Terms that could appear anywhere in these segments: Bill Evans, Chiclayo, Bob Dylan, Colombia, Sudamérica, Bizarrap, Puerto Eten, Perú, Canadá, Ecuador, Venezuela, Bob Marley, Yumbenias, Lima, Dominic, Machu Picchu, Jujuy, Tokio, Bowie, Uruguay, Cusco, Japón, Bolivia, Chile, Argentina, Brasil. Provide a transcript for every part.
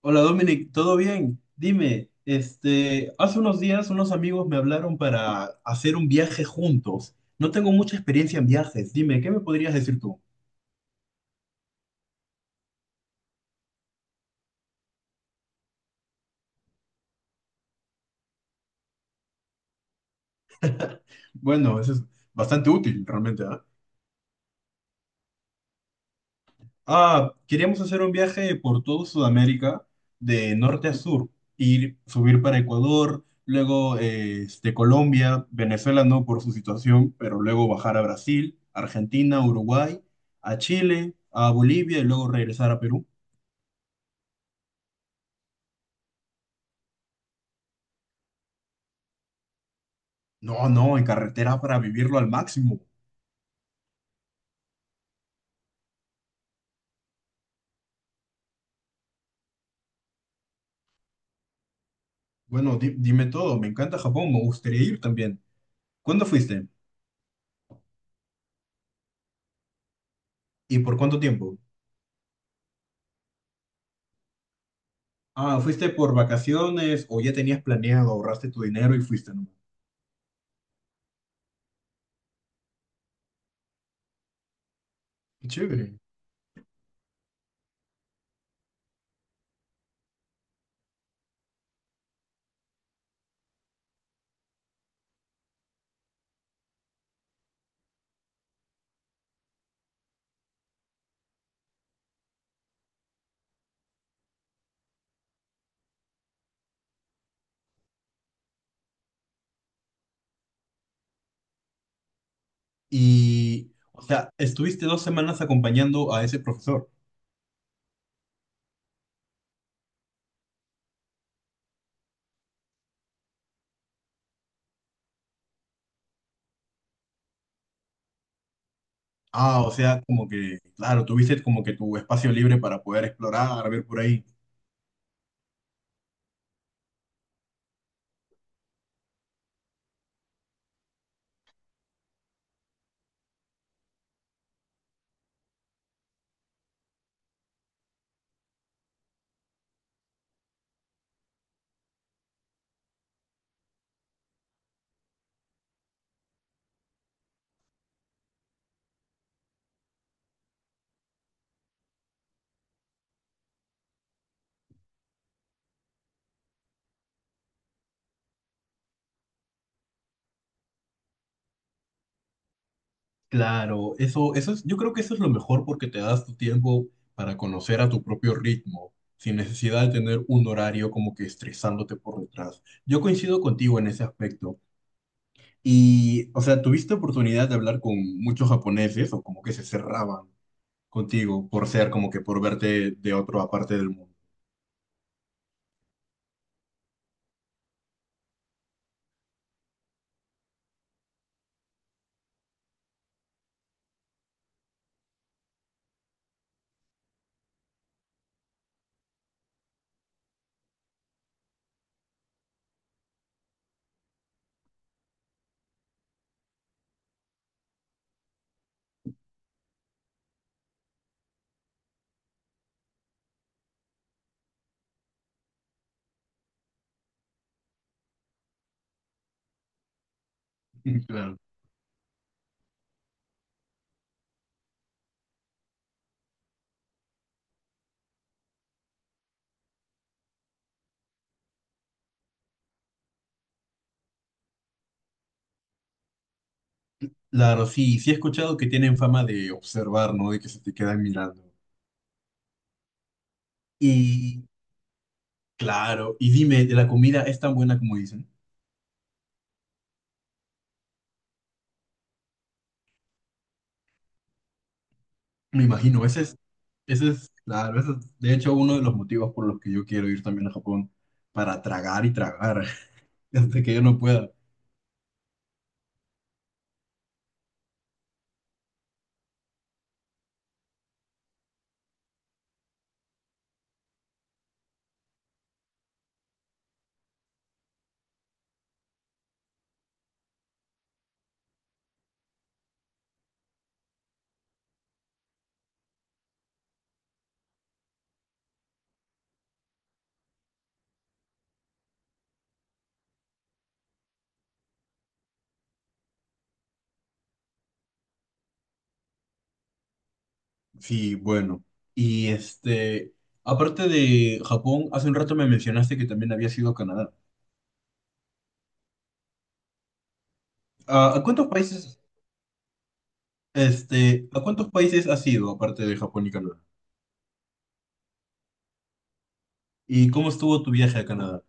Hola Dominic, ¿todo bien? Dime, hace unos días unos amigos me hablaron para hacer un viaje juntos. No tengo mucha experiencia en viajes. Dime, ¿qué me podrías decir tú? Bueno, eso es bastante útil realmente, ¿ah? Ah, queríamos hacer un viaje por todo Sudamérica, de norte a sur, ir, subir para Ecuador, luego Colombia, Venezuela no por su situación, pero luego bajar a Brasil, Argentina, Uruguay, a Chile, a Bolivia y luego regresar a Perú. No, no, en carretera para vivirlo al máximo. Bueno, dime todo, me encanta Japón, me gustaría ir también. ¿Cuándo fuiste? ¿Y por cuánto tiempo? Ah, ¿fuiste por vacaciones o ya tenías planeado, ahorraste tu dinero y fuiste nomás? Qué chévere. Y, o sea, estuviste 2 semanas acompañando a ese profesor. Ah, o sea, como que, claro, tuviste como que tu espacio libre para poder explorar, ver por ahí. Claro, eso es, yo creo que eso es lo mejor porque te das tu tiempo para conocer a tu propio ritmo, sin necesidad de tener un horario como que estresándote por detrás. Yo coincido contigo en ese aspecto. Y, o sea, ¿tuviste oportunidad de hablar con muchos japoneses o como que se cerraban contigo por ser como que por verte de otra parte del mundo? Claro. Claro, sí, sí he escuchado que tienen fama de observar, ¿no? De que se te quedan mirando. Y, claro, y dime, ¿de la comida es tan buena como dicen? Me imagino, claro, ese es, de hecho, uno de los motivos por los que yo quiero ir también a Japón, para tragar y tragar, hasta que yo no pueda. Sí, bueno. Y aparte de Japón, hace un rato me mencionaste que también habías ido a Canadá. ¿A a cuántos países has ido aparte de Japón y Canadá? ¿Y cómo estuvo tu viaje a Canadá?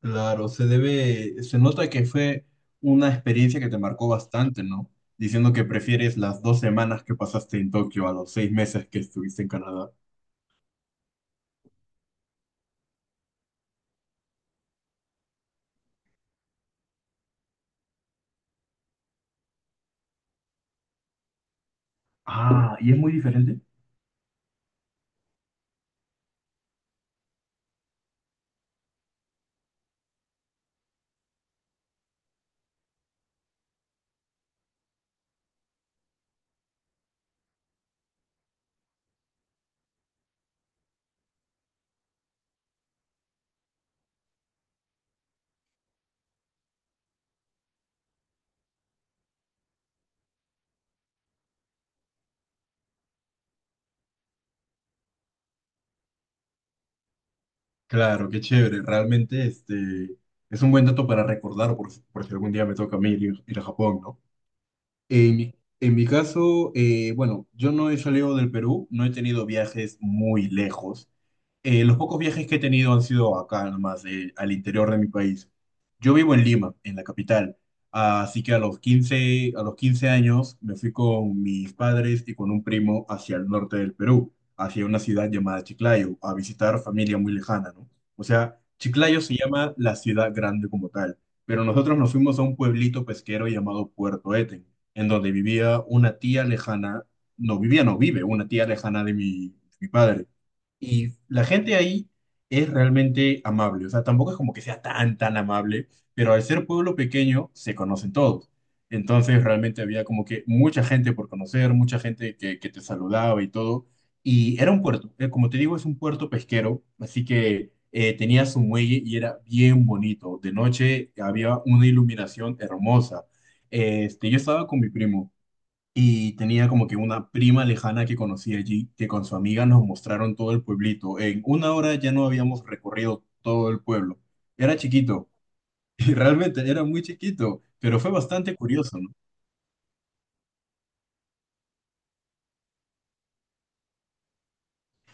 Claro, se nota que fue una experiencia que te marcó bastante, ¿no? Diciendo que prefieres las 2 semanas que pasaste en Tokio a los 6 meses que estuviste en Canadá. Ah, ¿y es muy diferente? Claro, qué chévere. Realmente, es un buen dato para recordar por si algún día me toca a mí ir a Japón, ¿no? En mi, en mi caso, bueno, yo no he salido del Perú, no he tenido viajes muy lejos. Los pocos viajes que he tenido han sido acá nomás, al interior de mi país. Yo vivo en Lima, en la capital, así que a los quince años me fui con mis padres y con un primo hacia el norte del Perú, hacia una ciudad llamada Chiclayo, a visitar familia muy lejana, ¿no? O sea, Chiclayo se llama la ciudad grande como tal, pero nosotros nos fuimos a un pueblito pesquero llamado Puerto Eten en donde vivía una tía lejana, no vivía, no vive, una tía lejana de mi padre. Y la gente ahí es realmente amable, o sea, tampoco es como que sea tan, tan amable, pero al ser pueblo pequeño se conocen todos. Entonces realmente había como que mucha gente por conocer, mucha gente que te saludaba y todo. Y era un puerto, como te digo, es un puerto pesquero, así que tenía su muelle y era bien bonito. De noche había una iluminación hermosa. Yo estaba con mi primo. Y tenía como que una prima lejana que conocí allí, que con su amiga nos mostraron todo el pueblito. En una hora ya no habíamos recorrido todo el pueblo. Era chiquito, y realmente era muy chiquito, pero fue bastante curioso, ¿no?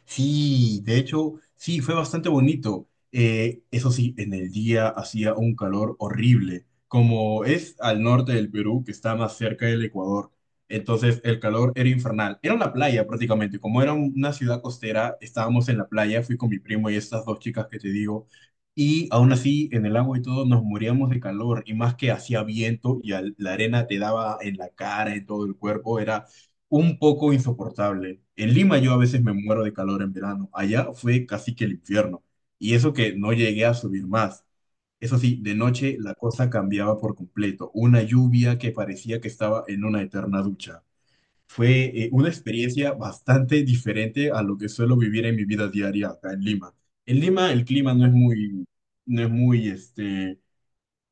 Sí, de hecho, sí, fue bastante bonito. Eso sí, en el día hacía un calor horrible, como es al norte del Perú, que está más cerca del Ecuador. Entonces el calor era infernal. Era una playa prácticamente, como era una ciudad costera, estábamos en la playa, fui con mi primo y estas dos chicas que te digo, y aún así en el agua y todo nos moríamos de calor, y más que hacía viento y la arena te daba en la cara, en todo el cuerpo, un poco insoportable. En Lima yo a veces me muero de calor en verano. Allá fue casi que el infierno. Y eso que no llegué a subir más. Eso sí, de noche la cosa cambiaba por completo. Una lluvia que parecía que estaba en una eterna ducha. Fue una experiencia bastante diferente a lo que suelo vivir en mi vida diaria acá en Lima. En Lima el clima no es muy, este,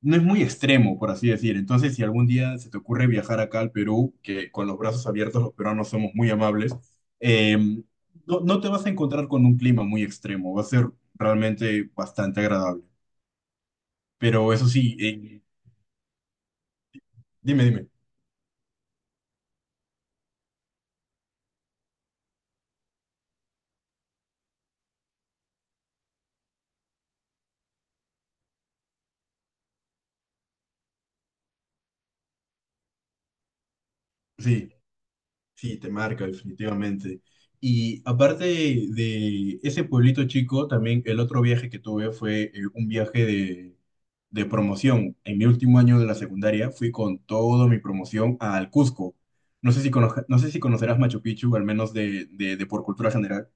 no es muy extremo, por así decir. Entonces, si algún día se te ocurre viajar acá al Perú, que con los brazos abiertos los peruanos somos muy amables, eh, no, no te vas a encontrar con un clima muy extremo, va a ser realmente bastante agradable. Pero eso sí, dime, dime. Sí. Sí, te marca, definitivamente. Y aparte de ese pueblito chico, también el otro viaje que tuve fue un viaje de promoción. En mi último año de la secundaria fui con toda mi promoción al Cusco. No sé si conocerás Machu Picchu, al menos de por cultura general.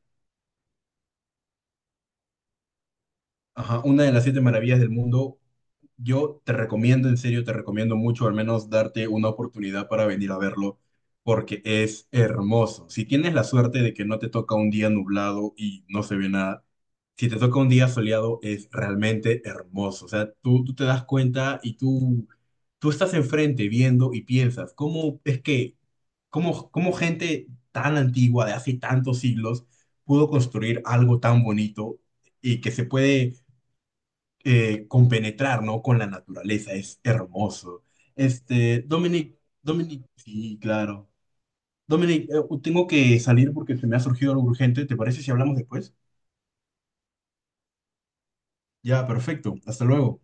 Ajá, una de las siete maravillas del mundo. Yo te recomiendo, en serio, te recomiendo mucho, al menos darte una oportunidad para venir a verlo, porque es hermoso. Si tienes la suerte de que no te toca un día nublado y no se ve nada, si te toca un día soleado, es realmente hermoso. O sea, tú te das cuenta y tú estás enfrente viendo y piensas, ¿cómo es que, cómo, cómo gente tan antigua, de hace tantos siglos, pudo construir algo tan bonito y que se puede compenetrar, ¿no? Con la naturaleza, es hermoso. Dominic, sí, claro. Dominic, tengo que salir porque se me ha surgido algo urgente. ¿Te parece si hablamos después? Ya, perfecto. Hasta luego.